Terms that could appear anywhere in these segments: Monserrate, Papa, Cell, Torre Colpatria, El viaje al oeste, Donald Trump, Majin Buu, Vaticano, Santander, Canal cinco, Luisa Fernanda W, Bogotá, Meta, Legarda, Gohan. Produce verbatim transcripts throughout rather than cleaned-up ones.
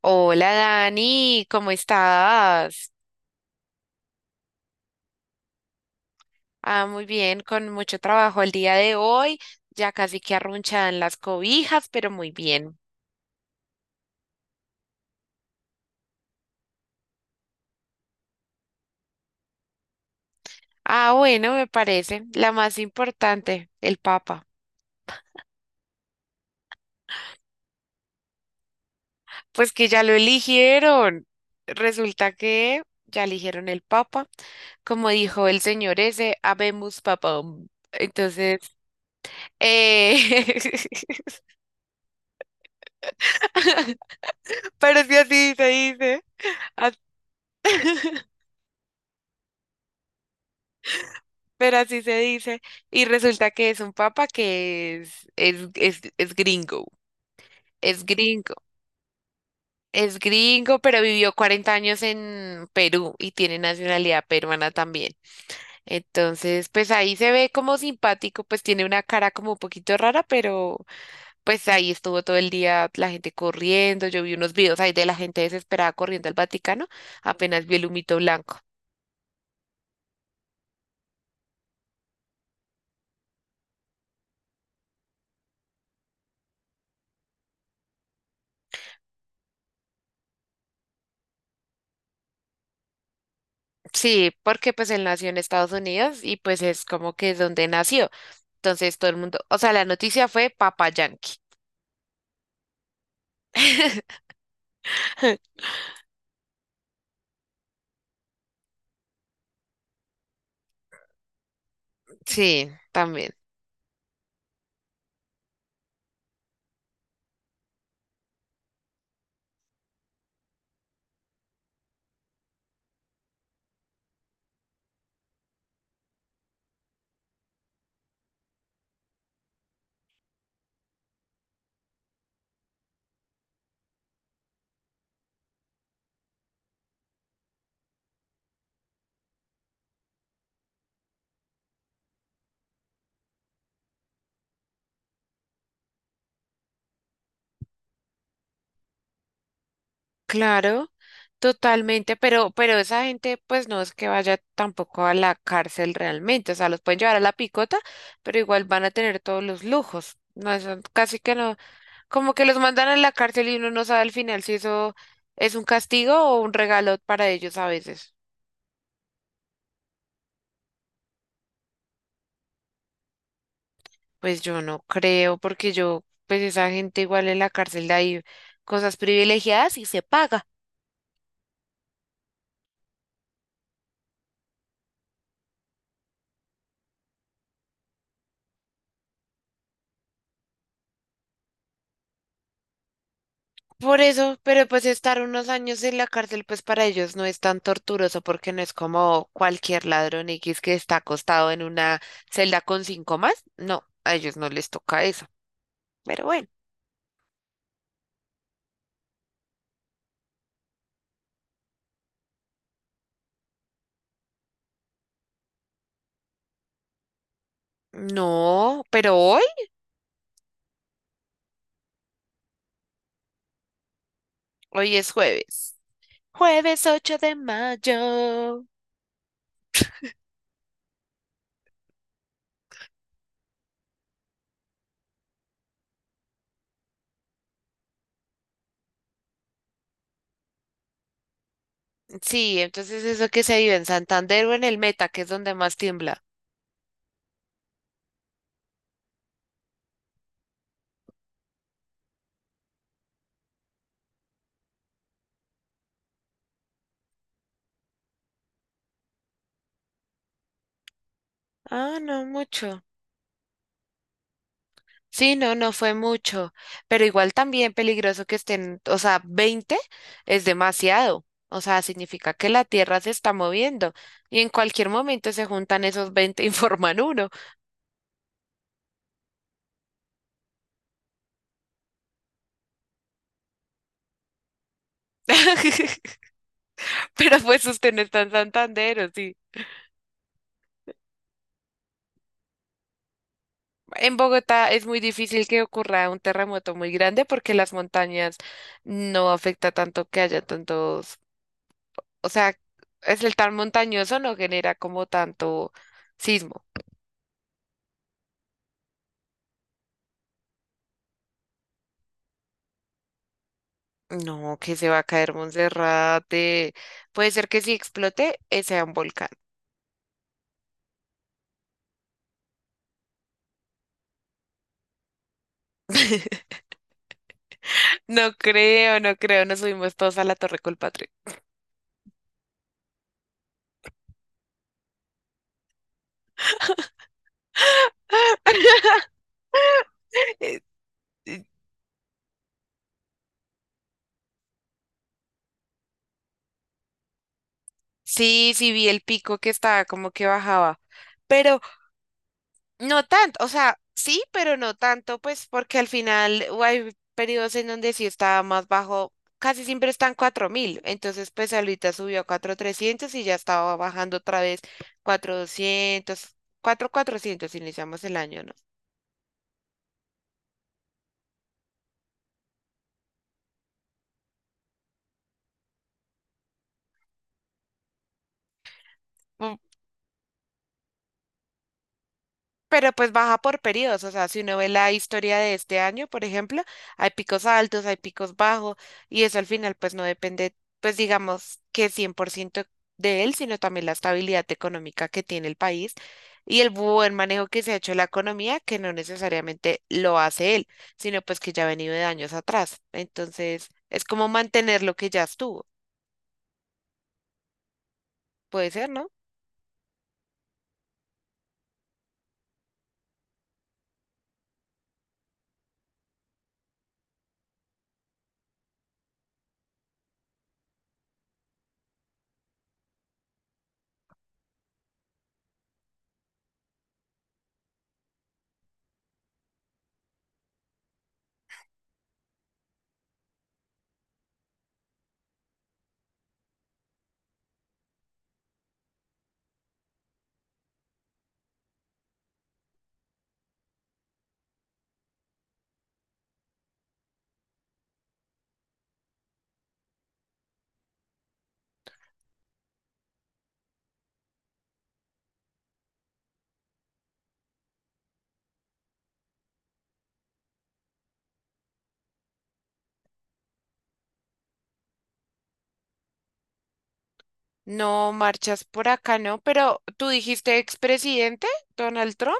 Hola Dani, ¿cómo estás? Ah, muy bien, con mucho trabajo el día de hoy, ya casi que arrunchadan las cobijas, pero muy bien. Ah, bueno, me parece la más importante, el Papa. Pues que ya lo eligieron. Resulta que ya eligieron el Papa, como dijo el señor ese, habemus papam. Entonces, eh, pero si así se dice. as- pero así se dice. Y resulta que es un papa que es, es, es, es gringo, es gringo, es gringo, pero vivió cuarenta años en Perú y tiene nacionalidad peruana también. Entonces, pues ahí se ve como simpático, pues tiene una cara como un poquito rara, pero pues ahí estuvo todo el día la gente corriendo. Yo vi unos videos ahí de la gente desesperada corriendo al Vaticano, apenas vi el humito blanco. Sí, porque pues él nació en Estados Unidos y pues es como que es donde nació. Entonces todo el mundo, o sea, la noticia fue Papa Yankee. Sí, también. Claro, totalmente, pero, pero esa gente pues no es que vaya tampoco a la cárcel realmente, o sea, los pueden llevar a la picota, pero igual van a tener todos los lujos. No, eso casi que no, como que los mandan a la cárcel y uno no sabe al final si eso es un castigo o un regalo para ellos a veces. Pues yo no creo, porque yo, pues esa gente igual en la cárcel de ahí, cosas privilegiadas y se paga. Por eso, pero pues estar unos años en la cárcel, pues para ellos no es tan torturoso porque no es como cualquier ladrón X que está acostado en una celda con cinco más. No, a ellos no les toca eso. Pero bueno, no, pero hoy, hoy es jueves. Jueves ocho de mayo. Sí, entonces eso que se vive en Santander o en el Meta, que es donde más tiembla. Ah, no mucho. Sí, no, no fue mucho, pero igual también peligroso que estén, o sea, veinte es demasiado, o sea, significa que la Tierra se está moviendo y en cualquier momento se juntan esos veinte y forman uno. Pero pues usted no está en Santander, ¿o sí? En Bogotá es muy difícil que ocurra un terremoto muy grande porque las montañas no afecta tanto que haya tantos, o sea, es el tan montañoso no genera como tanto sismo. No, que se va a caer Monserrate. Puede ser que si explote, eh, sea un volcán. No creo, no creo. Nos subimos todos a la Torre Colpatria. Eh, eh, sí, sí vi el pico que estaba como que bajaba. Pero no tanto, o sea, sí, pero no tanto, pues porque al final u- hay periodos en donde sí estaba más bajo, casi siempre están cuatro mil, entonces pues ahorita subió a cuatro mil trescientos y ya estaba bajando otra vez cuatro mil doscientos, cuatrocientos iniciamos el año, ¿no? Pero pues baja por periodos, o sea, si uno ve la historia de este año, por ejemplo, hay picos altos, hay picos bajos, y eso al final pues no depende, pues digamos que cien por ciento de él, sino también la estabilidad económica que tiene el país y el buen manejo que se ha hecho de la economía, que no necesariamente lo hace él, sino pues que ya ha venido de años atrás. Entonces, es como mantener lo que ya estuvo, puede ser, ¿no? No marchas por acá, ¿no? Pero tú dijiste expresidente, Donald Trump.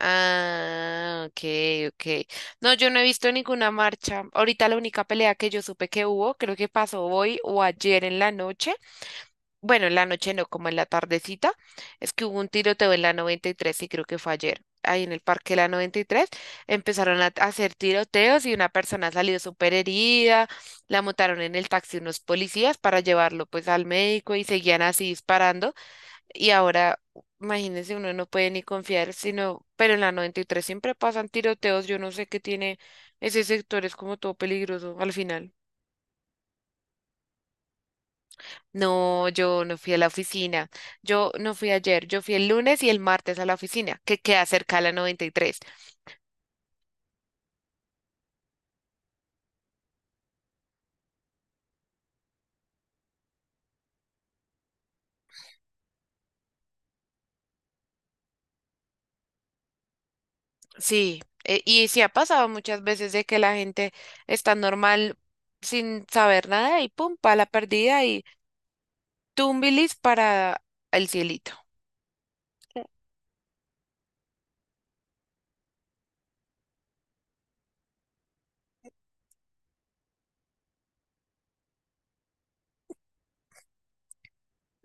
Ah, ok, ok. No, yo no he visto ninguna marcha. Ahorita la única pelea que yo supe que hubo, creo que pasó hoy o ayer en la noche. Bueno, en la noche no, como en la tardecita. Es que hubo un tiroteo en la noventa y tres y creo que fue ayer. Ahí en el parque de la noventa y tres empezaron a hacer tiroteos y una persona salió súper herida. La montaron en el taxi unos policías para llevarlo pues al médico y seguían así disparando. Y ahora, imagínense, uno no puede ni confiar, sino, pero en la noventa y tres siempre pasan tiroteos, yo no sé qué tiene ese sector, es como todo peligroso al final. No, yo no fui a la oficina, yo no fui ayer, yo fui el lunes y el martes a la oficina, que queda cerca a la noventa y tres. Sí, eh, y sí ha pasado muchas veces de que la gente está normal sin saber nada y pum, pa' la perdida y tumbilis para el cielito.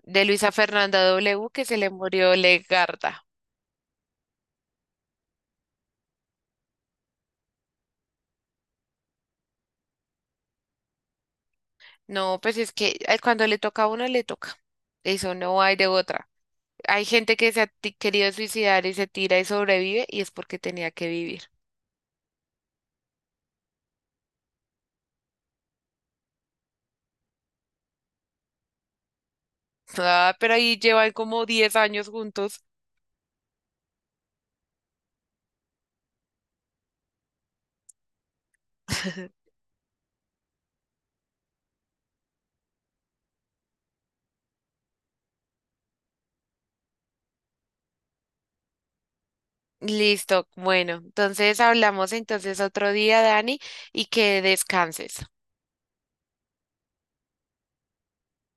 De Luisa Fernanda W, que se le murió Legarda. No, pues es que eh, cuando le toca a uno, le toca. Eso no hay de otra. Hay gente que se ha ti- querido suicidar y se tira y sobrevive y es porque tenía que vivir. Ah, pero ahí llevan como diez años juntos. Listo, bueno, entonces hablamos entonces otro día, Dani, y que descanses.